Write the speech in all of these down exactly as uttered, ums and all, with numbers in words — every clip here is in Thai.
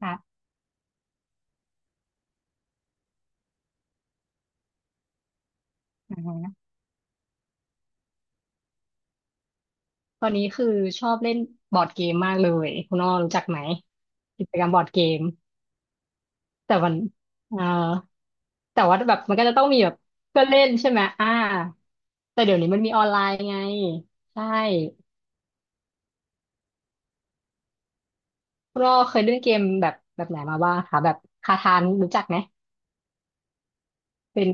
ค่ะอ่าฮะตอนนี้คือชอบเล่นบอร์ดเกมมากเลยคุณอ้อรู้จักไหมกิจกรรมบอร์ดเกมแต่มันเอ่อแต่ว่าแบบมันก็จะต้องมีแบบเพื่อนเล่นใช่ไหมอ่าแต่เดี๋ยวนี้มันมีออนไลน์ไงใช่คุณอ้อเคยเล่นเกมแบบแบบไหนมาบ้างคะแบบคาทานรู้จักไหมเป็น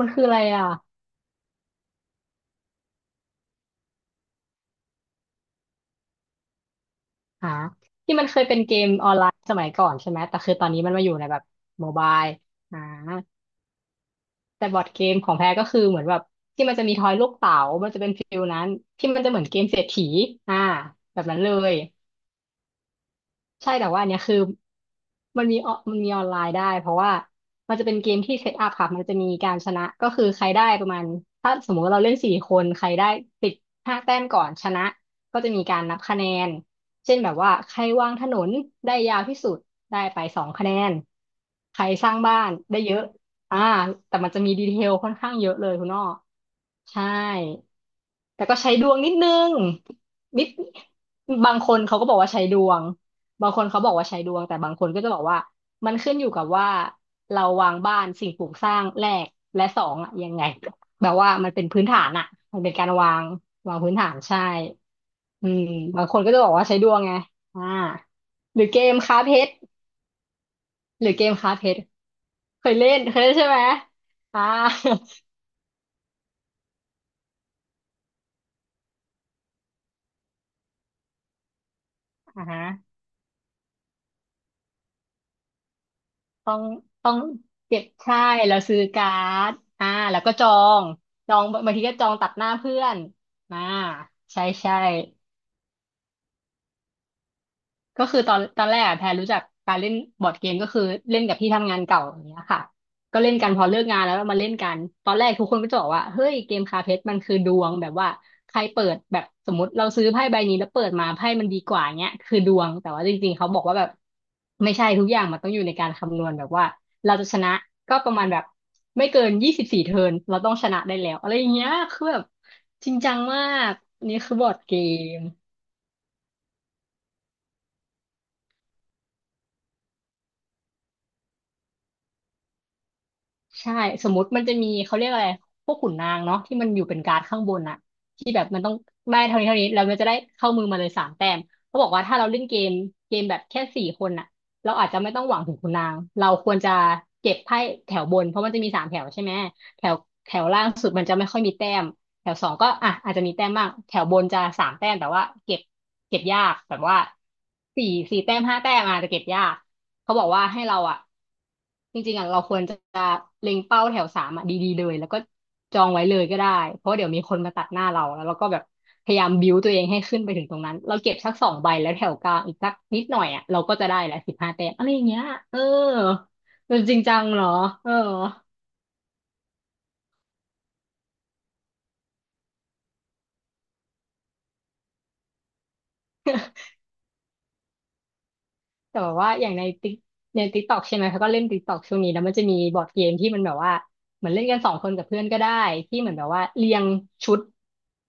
มันคืออะไรอ่ะหาที่มันเคยเป็นเกมออนไลน์สมัยก่อนใช่ไหมแต่คือตอนนี้มันมาอยู่ในแบบโมบายอ่า แต่บอร์ดเกมของแพ้ก็คือเหมือนแบบที่มันจะมีทอยลูกเต๋า มันจะเป็นฟิลนั้นที่มันจะเหมือนเกมเศรษฐีอ่าแบบนั้นเลย ใช่แต่ว่าอันเนี้ยคือมันมีออนมันมีออนไลน์ได้เพราะว่ามันจะเป็นเกมที่เซตอัพค่ะมันจะมีการชนะก็คือใครได้ประมาณถ้าสมมติว่าเราเล่นสี่คนใครได้ติดห้าแต้มก่อนชนะก็จะมีการนับคะแนนเช่นแบบว่าใครวางถนนได้ยาวที่สุดได้ไปสองคะแนนใครสร้างบ้านได้เยอะอ่าแต่มันจะมีดีเทลค่อนข้างเยอะเลยคุณอ้อใช่ แต่ก็ใช้ดวงนิดนึงนิดบางคนเขาก็บอกว่าใช้ดวงบางคนเขาบอกว่าใช้ดวงแต่บางคนก็จะบอกว่ามันขึ้นอยู่กับว่าเราวางบ้านสิ่งปลูกสร้างแรกและสองอะยังไงแบบว่ามันเป็นพื้นฐานอะมันเป็นการวางวางพื้นฐานใช่อืมบางคนก็จะบอกว่าใช้ดวงไงอ่าหรือเกมค้าเพชรหรือเกมค้าเพชรเคยเล่นเคยเล่นใช่ไหมอ่า อ่า ต้องต้องเก็บใช่แล้วซื้อการ์ดอ่าแล้วก็จองจองบางทีก็จองตัดหน้าเพื่อนอ่าใช่ใช่ ก็คือตอนตอนแรกอะแพรรู้จักการเล่นบอร์ดเกมก็คือเล่นกับที่ทำงานเก่าอย่างเงี้ยค่ะก็เล่นกันพอเลิกงานแล้วก็มาเล่นกันตอนแรกทุกคนก็จะบอกว่าเฮ้ยเกมคาเพชรมันคือดวงแบบว่าใครเปิดแบบสมมติเราซื้อไพ่ใบนี้แล้วเปิดมาไพ่มันดีกว่าเงี้ยคือดวงแต่ว่าจริงๆเขาบอกว่าแบบไม่ใช่ทุกอย่างมันต้องอยู่ในการคำนวณแบบว่าเราจะชนะก็ประมาณแบบไม่เกินยี่สิบสี่เทิร์นเราต้องชนะได้แล้วอะไรอย่างเงี้ยคือแบบจริงจังมากนี่คือบอร์ดเกม ใช่สมมติมันจะมีเขาเรียกอะไรพวกขุนนางเนาะที่มันอยู่เป็นการ์ดข้างบนอะที่แบบมันต้องได้เท่านี้เท่านี้แล้วมันจะได้เข้ามือมาเลยสามแต้มเขาบอกว่าถ้าเราเล่นเกมเกมแบบแค่สี่คนอะเราอาจจะไม่ต้องหวังถึงขุนนางเราควรจะเก็บไพ่แถวบนเพราะมันจะมีสามแถวใช่ไหมแถวแถวล่างสุดมันจะไม่ค่อยมีแต้มแถวสองก็อ่ะอาจจะมีแต้มบ้างแถวบนจะสามแต้มแต่ว่าเก็บเก็บยากแบบว่าสี่สี่แต้มห้าแต้มอาจจะเก็บยาก เขาบอกว่าให้เราอ่ะจริงๆอ่ะเราควรจะเล็งเป้าแถวสามอ่ะดีๆเลยแล้วก็จองไว้เลยก็ได้เพราะเดี๋ยวมีคนมาตัดหน้าเราแล้วเราก็แบบพยายามบิวตัวเองให้ขึ้นไปถึงตรงนั้นเราเก็บสักสองใบแล้วแถวกลางอีกสักนิดหน่อยอ่ะเราก็จะได้แหละสิบห้าแต้มอะไรอย่างเงี้ยเออมันจริงจังเหรอเออ แต่แบบว่าอย่างในติ๊กในติ๊กต็อกใช่ไหมเขาก็เล่นติ๊กต็อกช่วงนี้แล้วมันจะมีบอร์ดเกมที่มันแบบว่าเหมือนเล่นกันสองคนกับเพื่อนก็ได้ที่เหมือนแบบว่าเรียงชุด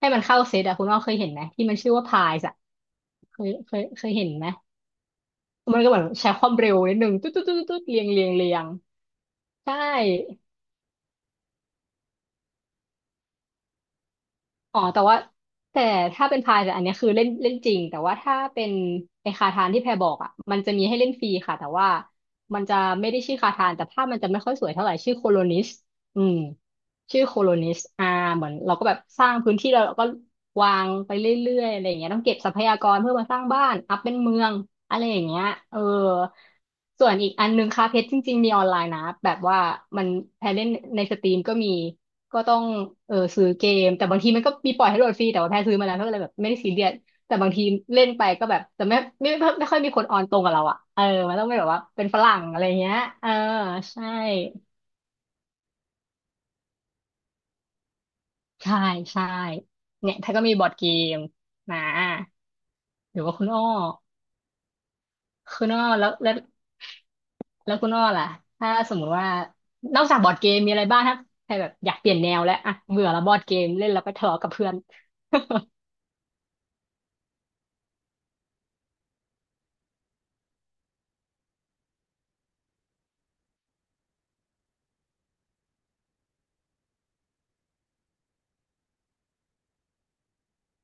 ให้มันเข้าเซตอะคุณว่าเคยเห็นไหมที่มันชื่อว่าพายส์อะเคยเคยเคยเห็นไหมมันก็เหมือนใช้ความเร็วนิดนึงตุ๊ดตุ๊ดตุ๊ดตุ๊ดเรียงเรียงเรียงใช่ อ๋อแต่ว่าแต่ถ้าเป็นพายแต่อันเนี้ยคือเล่นเล่นจริงแต่ว่าถ้าเป็นไอคาทานที่แพรบอกอ่ะมันจะมีให้เล่นฟรีค่ะแต่ว่ามันจะไม่ได้ชื่อคาทานแต่ภาพมันจะไม่ค่อยสวยเท่าไหร่ชื่อโคโลนิสอืมชื่อโคโลนิสอ่าเหมือนเราก็แบบสร้างพื้นที่แล้วเราก็วางไปเรื่อยๆอะไรอย่างเงี้ยต้องเก็บทรัพยากรเพื่อมาสร้างบ้านอัพเป็นเมืองอะไรอย่างเงี้ยเออส่วนอีกอันหนึ่งคาเพชรจริงๆมีออนไลน์นะแบบว่ามันแพรเล่นในสตรีมก็มี ก็ต้องเออซื้อเกมแต่บางทีมันก็มีปล่อยให้โหลดฟรีแต่ว่าแพ้ซื้อมาแล้วก็เลยแบบไม่ได้ซีเรียสแต่บางทีเล่นไปก็แบบแต่ไม่ไม่ไม่ไม่ค่อยมีคนออนตรงกับเราอ่ะเออมันต้องเป็นแบบว่าเป็นฝรั่งอะไรเงี้ยเออใช่ใช่ใช่เนี่ยถ้าก็มีบอร์ดเกมนะหรือว่าคุณอ้อคุณอ้อแล้วแล้วแล้วคุณอ้อล่ะถ้าสมมุติว่านอกจากบอร์ดเกมมีอะไรบ้างถ้าใครแบบอยากเปลี่ยนแนวแล้วอะเบื่อแล้วบอร์ดเกมเล่นแล้วไปทะเลาะกับเพื่อน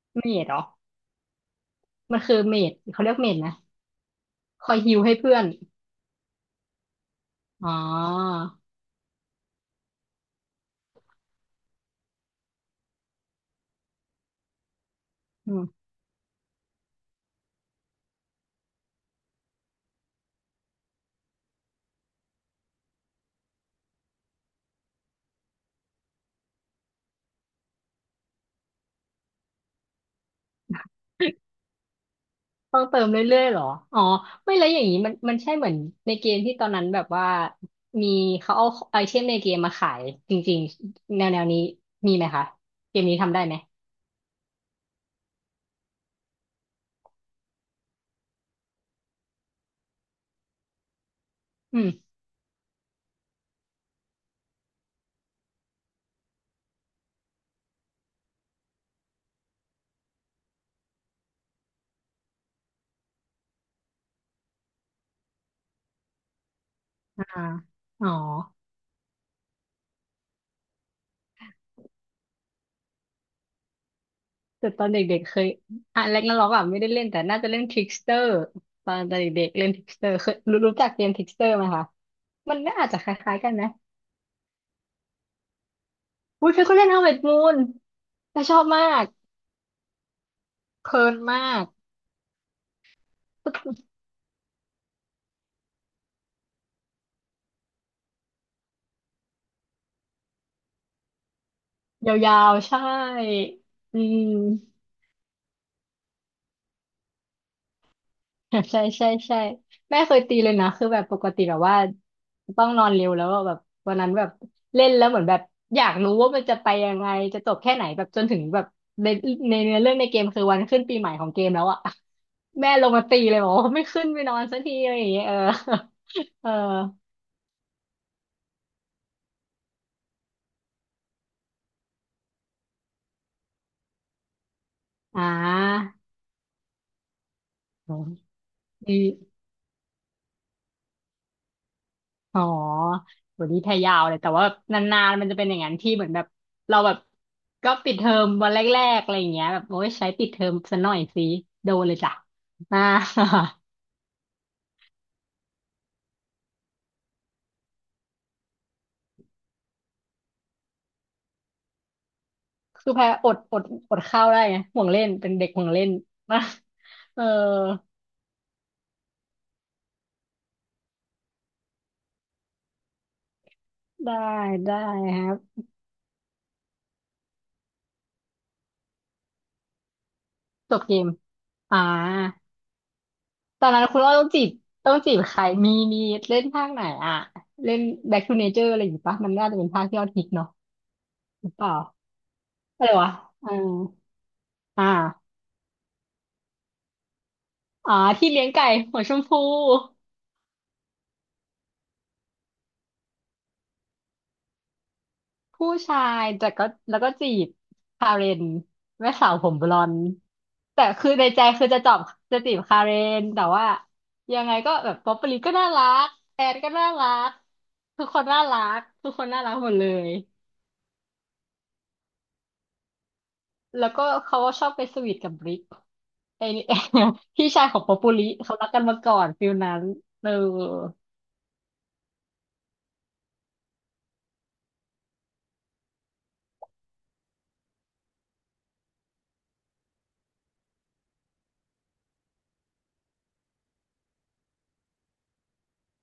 ไม่เหรอ มันคือเมดเขาเรียกเมดนะคอยฮิวให้เพื่อนอ๋ออืมต้องเติมเรื่อยๆเหรออ๋อไม่แล้วอย่างนี้มันมันใช่เหมือนในเกมที่ตอนนั้นแบบว่ามีเขาเอาไอเทมในเกมมาขายจริงๆแนวแนวนี้มีไหมคะเกมนี้ทำได้ไหมอืมอ่าอ๋อแต่ตอนเด็กๆเคยอ่ะแรกนาร็อกอ่ะไม่ได้เล่นแต่น่าจะเล่นทริกสเตอร์ตอนเด็กๆเล่นทริกสเตอร์เคยรู้รู้จักเกมทริกสเตอร์ไหมคะมันน่าอาจจะคล้ายๆกันนะ อุ้ยเคยก็เล่น Harvest Moon แต่ชอบมากเพลินมาก ยาวๆใช่อืม ใช่ใช่ใช่แม่เคยตีเลยนะคือแบบปกติแบบว่าต้องนอนเร็วแล้วอะแบบวันนั้นแบบเล่นแล้วเหมือนแบบอยากรู้ว่ามันจะไปยังไงจะจบแค่ไหนแบบจนถึงแบบในในเนื้อเรื่องในเกมคือวันขึ้นปีใหม่ของเกมแล้วอะแม่ลงมาตีเลยบอกว่าไม่ขึ้นไปนอนสักทีอะไรอย่างเงี้ยเออเอออ่าอืม อ๋อวันนี้แพยาวเลย แต่ว่านานๆมันจะเป็นอย่างนั้นที่เหมือนแบบเราแบบก็ปิดเทอมวันแรกๆอะไรอย่างเงี้ยแบบโอ้ยใช้ปิดเทอมซะหน่อยสิโดนเลยจ้ะ อ่า คือแพรอดอดอดข้าวได้ไงห่วงเล่นเป็นเด็กห่วงเล่นนะ เออได้ได้ครับจบเกม อ่าตอนนั้นคุณว่าต้องจีบต้องจีบใครมีมีเล่นภาคไหนอ่ะเล่น Back to Nature อะไรอย่างงี้ปะมันน่าจะเป็นภาคที่ยอดฮิตเนาะหรือเปล่าอะไรวะเอ่าอ่า อ๋อที่เลี้ยงไก่หัวชมพูผู้ชายแต่ก็แล้วก็จีบคาเรนแม่สาวผมบลอนด์แต่คือในใจคือจะจอบจะจีบคาเรนแต่ว่ายังไงก็แบบป๊อปปลีก็น่ารักแอนก็น่ารักทุกคนน่ารักทุกคนน่ารักหมดเลยแล้วก็เขาก็ชอบไปสวีทกับบริกไอ้นี่ พี่ชายของป๊อปปูลิเขารักกันมาก่อนฟิลนั้นเออ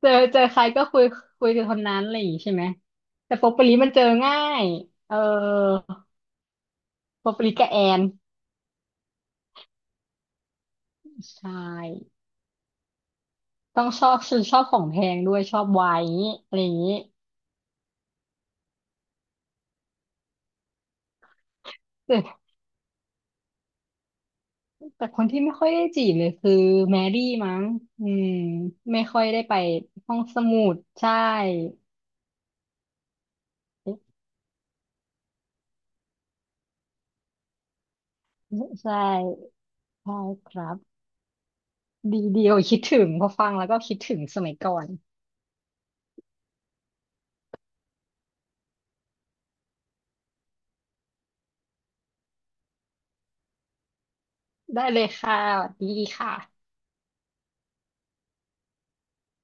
เจอเจอใครก็คุยคุยกับคนนั้นอะไรอย่างงี้ใช่ไหมแต่โปปลิมันเจอง่ายเออโปปลิกับแอนใช่ต้องชอบชอบของแพงด้วยชอบไวน์อย่างงี้อะไรอย่างนี้แต่แต่คนที่ไม่ค่อยได้จีบเลยคือแมรี่มั้งอืมไม่ค่อยได้ไปห้องสมุดใช่เอ๊ะใช่ใช่ครับดีเดียวคิดถึงพอฟังแล้วก็คิดถึงสมัยก่อนได้เลยค่ะสวัสดีค่ะ